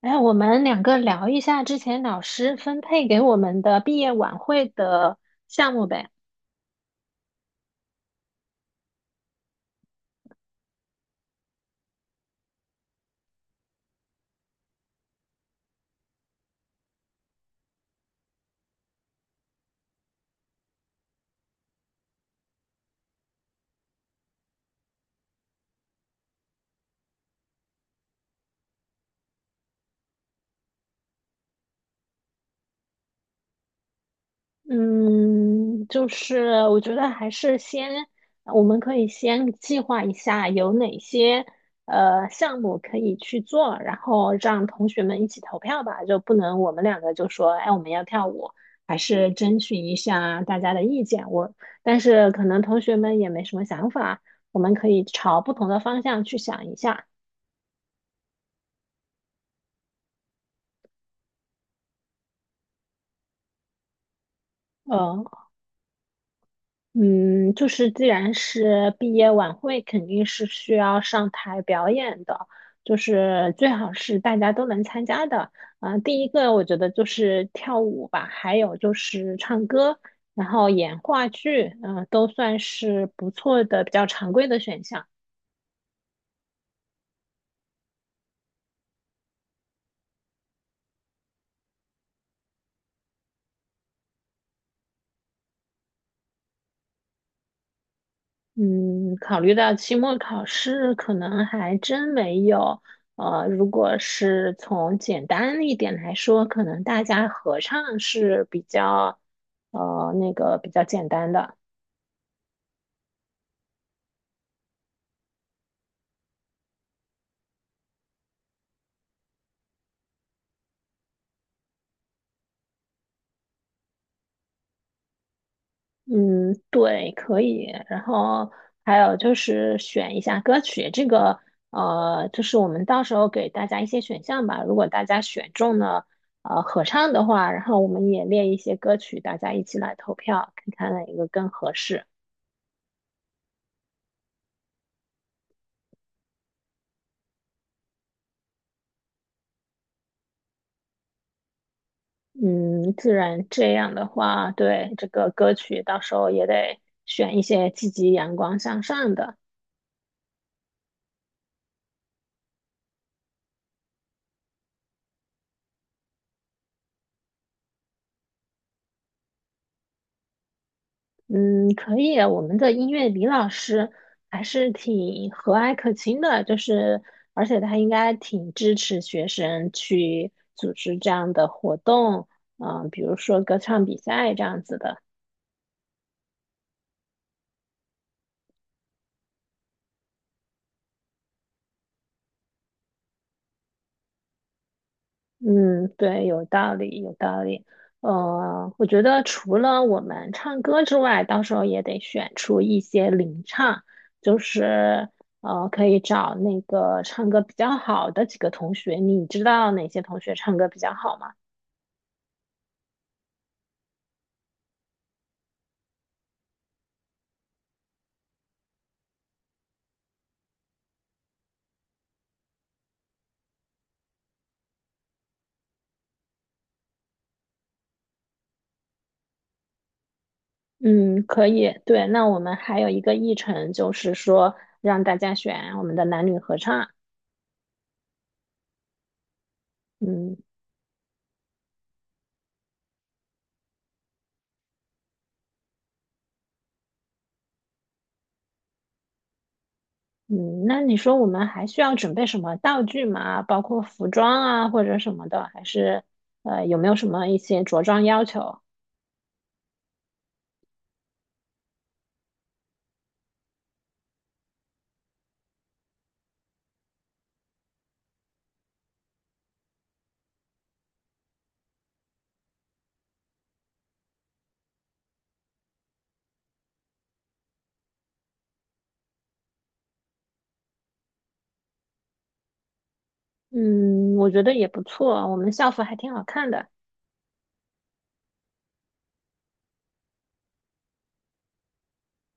哎，我们两个聊一下之前老师分配给我们的毕业晚会的项目呗。嗯，就是我觉得还是先，我们可以先计划一下有哪些项目可以去做，然后让同学们一起投票吧。就不能我们两个就说，哎，我们要跳舞，还是征询一下大家的意见。我，但是可能同学们也没什么想法，我们可以朝不同的方向去想一下。嗯。嗯，就是既然是毕业晚会，肯定是需要上台表演的，就是最好是大家都能参加的。嗯、第一个我觉得就是跳舞吧，还有就是唱歌，然后演话剧，嗯、都算是不错的、比较常规的选项。嗯，考虑到期末考试，可能还真没有。如果是从简单一点来说，可能大家合唱是比较，那个比较简单的。嗯，对，可以。然后还有就是选一下歌曲，这个就是我们到时候给大家一些选项吧。如果大家选中了合唱的话，然后我们也列一些歌曲，大家一起来投票，看看哪一个更合适。嗯，自然这样的话，对，这个歌曲到时候也得选一些积极、阳光向上的。嗯，可以啊，我们的音乐李老师还是挺和蔼可亲的，就是而且他应该挺支持学生去组织这样的活动，嗯、比如说歌唱比赛这样子的。嗯，对，有道理，有道理。我觉得除了我们唱歌之外，到时候也得选出一些领唱，就是可以找那个唱歌比较好的几个同学。你知道哪些同学唱歌比较好吗？嗯，可以。对，那我们还有一个议程，就是说让大家选我们的男女合唱。嗯。嗯，那你说我们还需要准备什么道具吗？包括服装啊或者什么的，还是有没有什么一些着装要求？嗯，我觉得也不错，我们校服还挺好看的。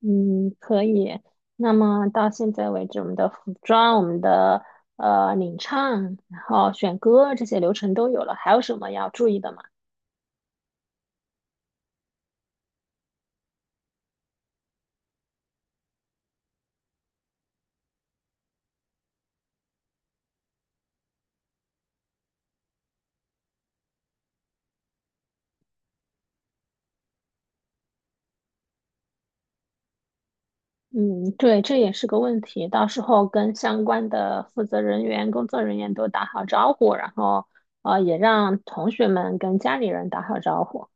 嗯，可以。那么到现在为止，我们的服装、我们的领唱，然后选歌这些流程都有了，还有什么要注意的吗？嗯，对，这也是个问题。到时候跟相关的负责人员、工作人员都打好招呼，然后也让同学们跟家里人打好招呼。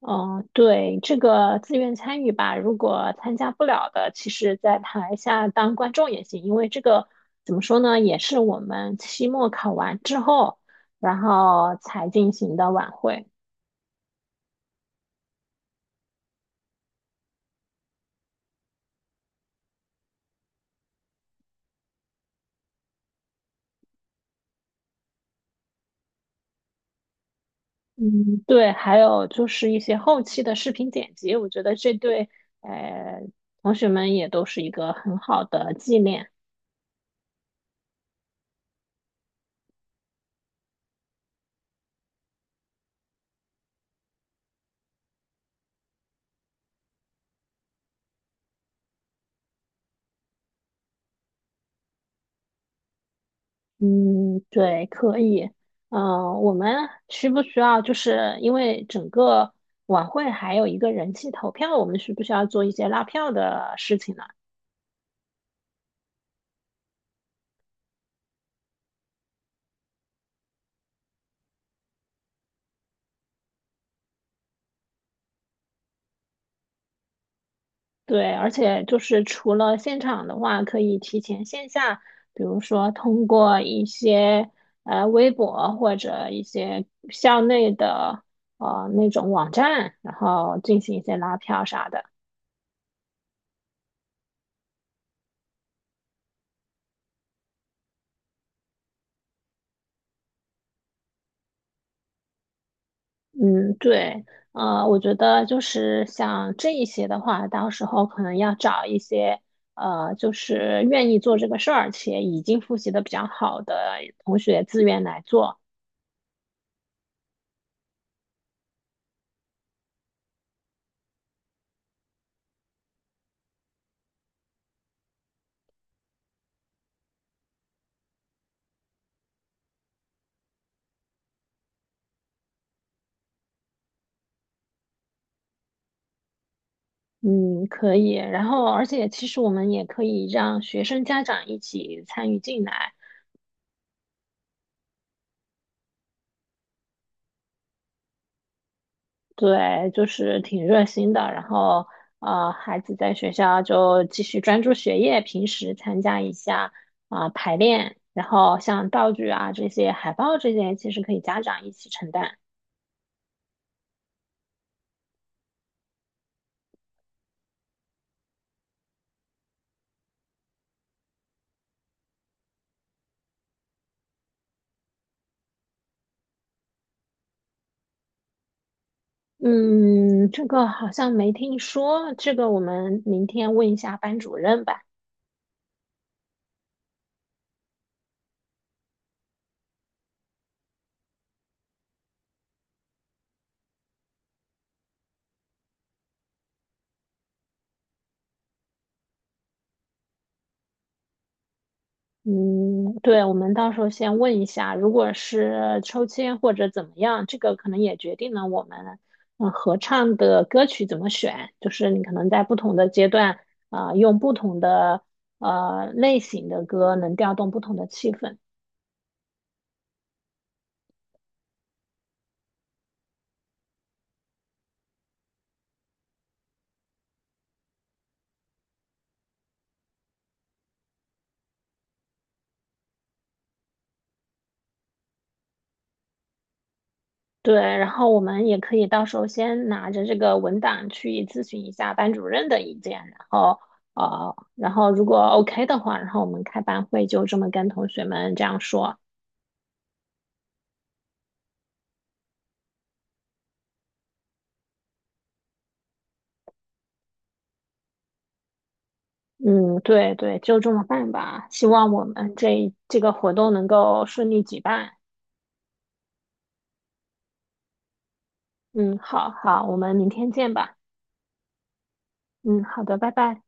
嗯，对，这个自愿参与吧，如果参加不了的，其实在台下当观众也行，因为这个怎么说呢，也是我们期末考完之后，然后才进行的晚会。嗯，对，还有就是一些后期的视频剪辑，我觉得这对呃同学们也都是一个很好的纪念。嗯，对，可以。嗯、我们需不需要就是因为整个晚会还有一个人气投票，我们需不需要做一些拉票的事情呢？对，而且就是除了现场的话，可以提前线下，比如说通过一些微博或者一些校内的那种网站，然后进行一些拉票啥的。嗯，对，我觉得就是像这一些的话，到时候可能要找一些就是愿意做这个事儿且已经复习的比较好的同学自愿来做。嗯，可以。然后，而且其实我们也可以让学生家长一起参与进来，对，就是挺热心的。然后，孩子在学校就继续专注学业，平时参加一下啊，排练。然后，像道具啊这些、海报这些，其实可以家长一起承担。嗯，这个好像没听说，这个我们明天问一下班主任吧。嗯，对，我们到时候先问一下，如果是抽签或者怎么样，这个可能也决定了我们嗯合唱的歌曲怎么选，就是你可能在不同的阶段啊、用不同的类型的歌能调动不同的气氛。对，然后我们也可以到时候先拿着这个文档去咨询一下班主任的意见，然后然后如果 OK 的话，然后我们开班会就这么跟同学们这样说。嗯，对对，就这么办吧。希望我们这个活动能够顺利举办。嗯，好好，我们明天见吧。嗯，好的，拜拜。